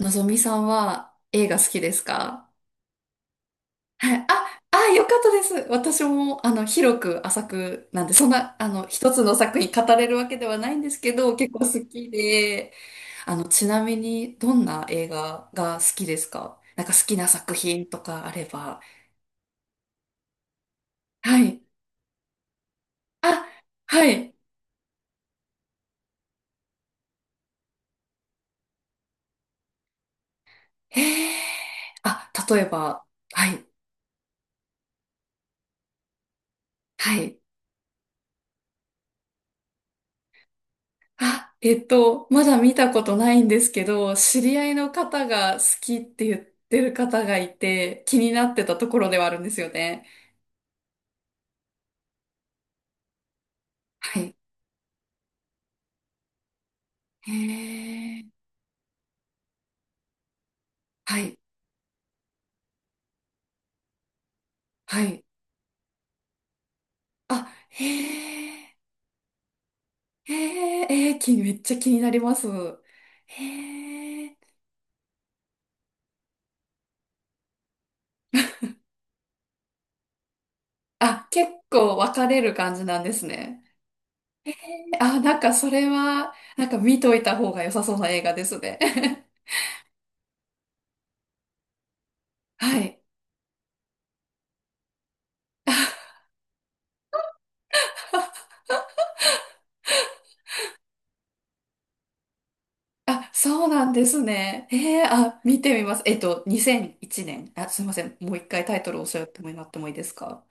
のぞみさんは映画好きですか？はい。あ、あ、よかったです。私も、広く浅くなんで、そんな、一つの作品語れるわけではないんですけど、結構好きで、ちなみに、どんな映画が好きですか？なんか好きな作品とかあれば。はい。あ、はい。へえ。あ、例えば、はい。はい。あ、まだ見たことないんですけど、知り合いの方が好きって言ってる方がいて、気になってたところではあるんですよね。はい。へえ。はい。はい。あ、へえ。へえ。えー、き、めっちゃ気になります。へえ。あ、結構分かれる感じなんですね。あ、なんかそれは、なんか見といた方が良さそうな映画ですね。はい。あ、そうなんですね。えー、あ、見てみます。2001年。あ、すいません。もう一回タイトルを教えてもらってもいいですか？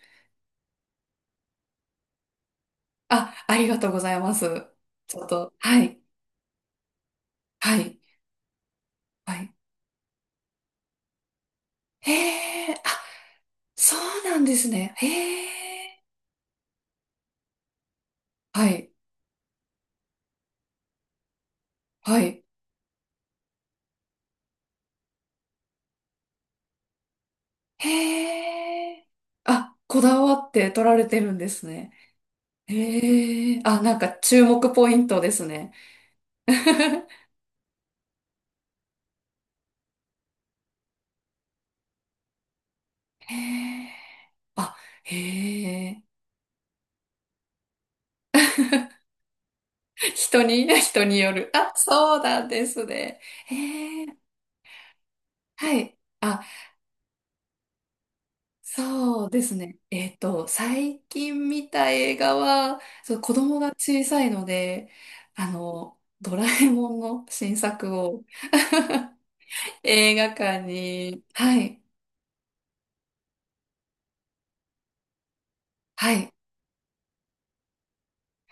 あ、ありがとうございます。ちょっと、はい、はい、はい。へえ、あ、そうなんですね。へえ、はい、はい。へえ、あ、こだわって撮られてるんですね。へえ、あ、なんか注目ポイントですね。へえ、あ、へえ。人に、人による。あ、そうなんですね。えー、はい。あ、そうですね。最近見た映画は、そう、子供が小さいので、ドラえもんの新作を 映画館に、はい、はい。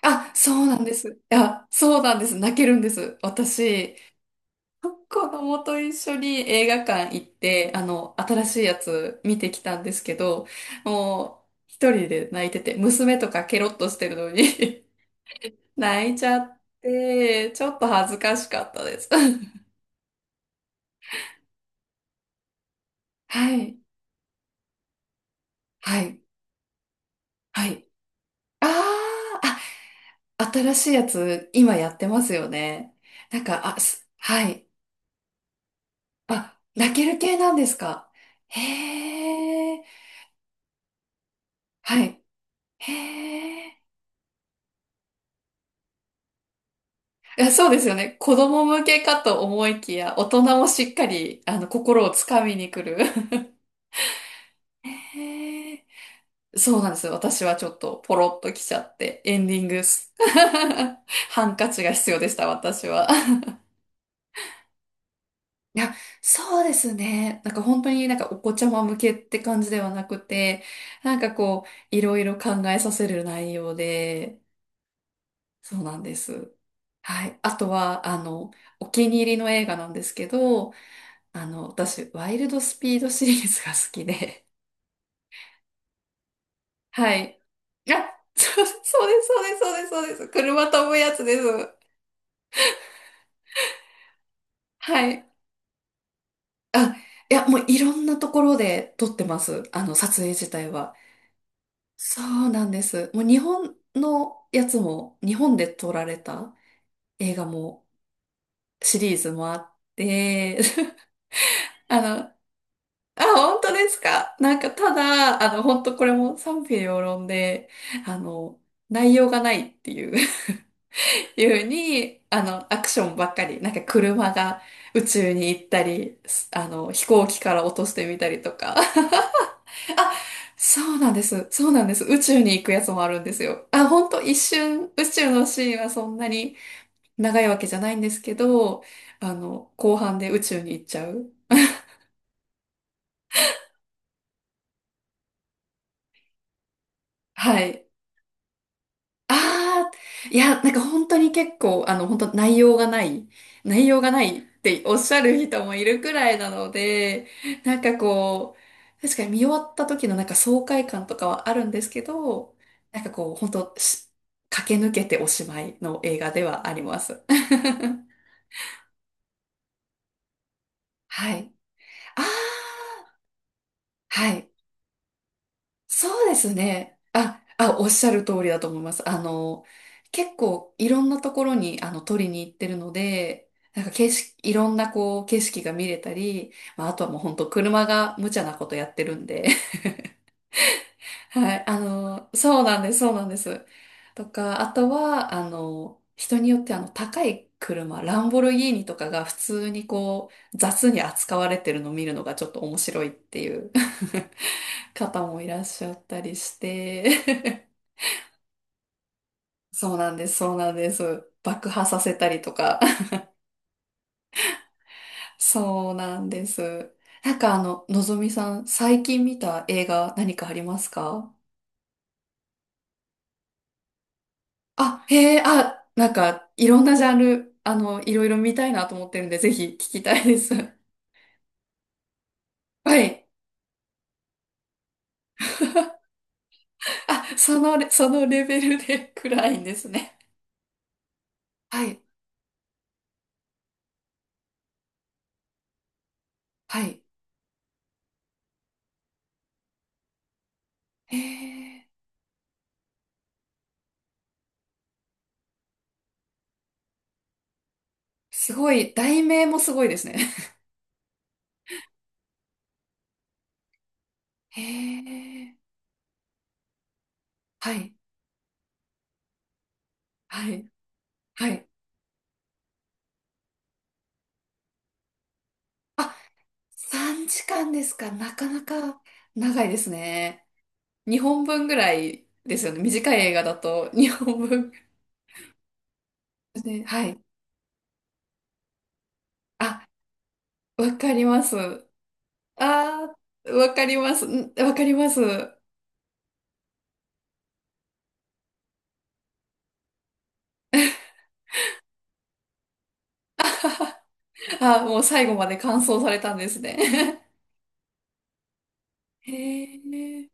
あ、そうなんです。あ、そうなんです。泣けるんです。私。子供と一緒に映画館行って、新しいやつ見てきたんですけど、もう、一人で泣いてて、娘とかケロッとしてるのに 泣いちゃって、ちょっと恥ずかしかったです。はい、はい、はい。あー、あ、新しいやつ、今やってますよね。なんか、あ、す、はい。あ、泣ける系なんですか？へー、はい、へー。いやそうですよね。子供向けかと思いきや、大人もしっかり、心をつかみに来る。へえ、そうなんですよ。私はちょっとポロッと来ちゃって、エンディングす。ハンカチが必要でした、私は。いや、そうですね。なんか本当になんかお子ちゃま向けって感じではなくて、なんかこう、いろいろ考えさせる内容で、そうなんです。はい。あとは、お気に入りの映画なんですけど、私、ワイルドスピードシリーズが好きで。はい。あ、そう、そうです、そうです、そうです、そうです。車飛ぶやつです。はい。あ、いや、もういろんなところで撮ってます。撮影自体は。そうなんです。もう日本のやつも、日本で撮られた映画も、シリーズもあって、あの、あ、本当ですか？なんか、ただ、本当これも賛否両論で、あの、内容がないっていう。いうに、アクションばっかり、なんか車が宇宙に行ったり、す飛行機から落としてみたりとか。あ、そうなんです。そうなんです。宇宙に行くやつもあるんですよ。あ、ほんと一瞬、宇宙のシーンはそんなに長いわけじゃないんですけど、後半で宇宙に行っちゃう。はい。ああ、いや、なんか本当に結構、本当内容がない、内容がないっておっしゃる人もいるくらいなので、なんかこう、確かに見終わった時のなんか爽快感とかはあるんですけど、なんかこう、本当し駆け抜けておしまいの映画ではあります。はい。ああ、はい。そうですね。あ、あ、おっしゃる通りだと思います。結構いろんなところにあの撮りに行ってるので、なんか景色、いろんなこう景色が見れたり、まあ、あとはもう本当車が無茶なことやってるんで、はい、そうなんです、そうなんです。とか、あとは、人によってあの高い車、ランボルギーニとかが普通にこう雑に扱われてるのを見るのがちょっと面白いっていう 方もいらっしゃったりして、そうなんです、そうなんです。爆破させたりとか。そうなんです。なんかあの、のぞみさん、最近見た映画何かありますか？あ、へえ、あ、なんか、いろんなジャンル、いろいろ見たいなと思ってるんで、ぜひ聞きたいです。はい。あ、そのレ、そのレベルで 暗いんですね。はい、はい。へえ、すごい、題名もすごいですね。へえ、はい、はい、はい。3時間ですか？なかなか長いですね。2本分ぐらいですよね。短い映画だと2本分。ね、はい。あ、わかります。あー、わかります。んわかります。あ、もう最後まで完走されたんですね。へえ。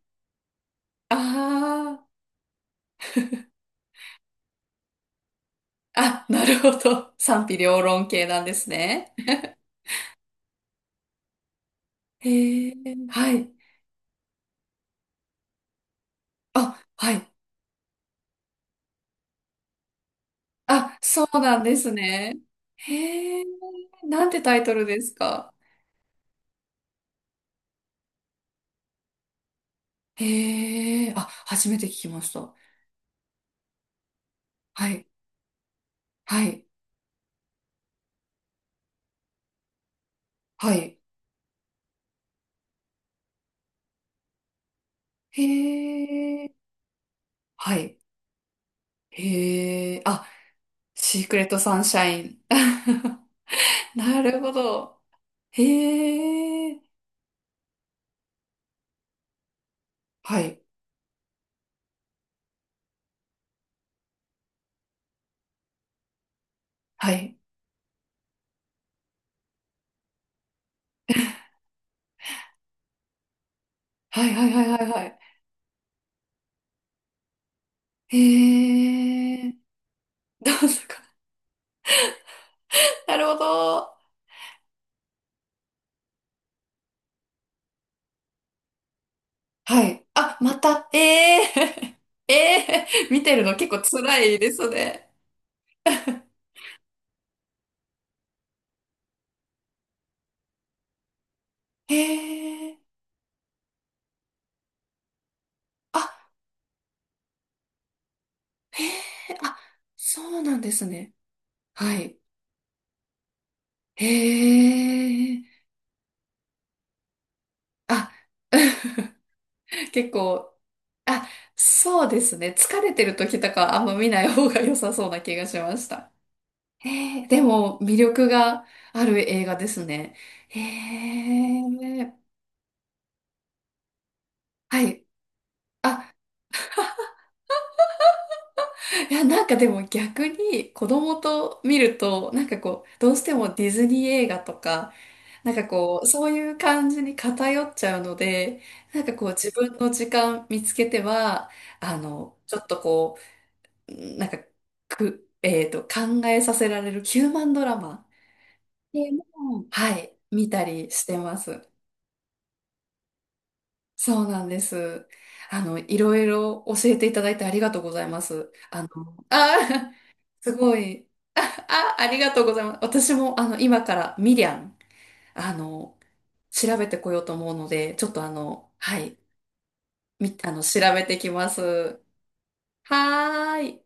ああ。あ、なるほど。賛否両論系なんですね。へえ。はい。あ、はい。あ、そうなんですね。へえ、なんてタイトルですか？へえ、あ、初めて聞きました。はい、はい、はい。へえ、はい、へえ、あ、シークレットサンシャイン。なるほど。へえ、はい、はい、はい、はい、はい、はい、はい。へえ、どうですか。なるほど。はい。あ、また、ええ、ええ、見てるの結構辛いですね。へえ。あ、へえ。あ、そうなんですね。はい。へえ。あ、結構、あ、そうですね。疲れてる時とかはあんま見ない方が良さそうな気がしました。へえ。でも、魅力がある映画ですね。へえ。はい。あ、いや、なんかでも逆に子供と見ると、なんかこう、どうしてもディズニー映画とか、なんかこう、そういう感じに偏っちゃうので、なんかこう、自分の時間見つけては、ちょっとこう、なんか、く、考えさせられるヒューマンドラマでも、はい、見たりしてます。そうなんです。いろいろ教えていただいてありがとうございます。あー、すごい。あ、ありがとうございます。私も、今から、ミリアン、あの、調べてこようと思うので、ちょっとあの、はい、み、調べてきます。はーい。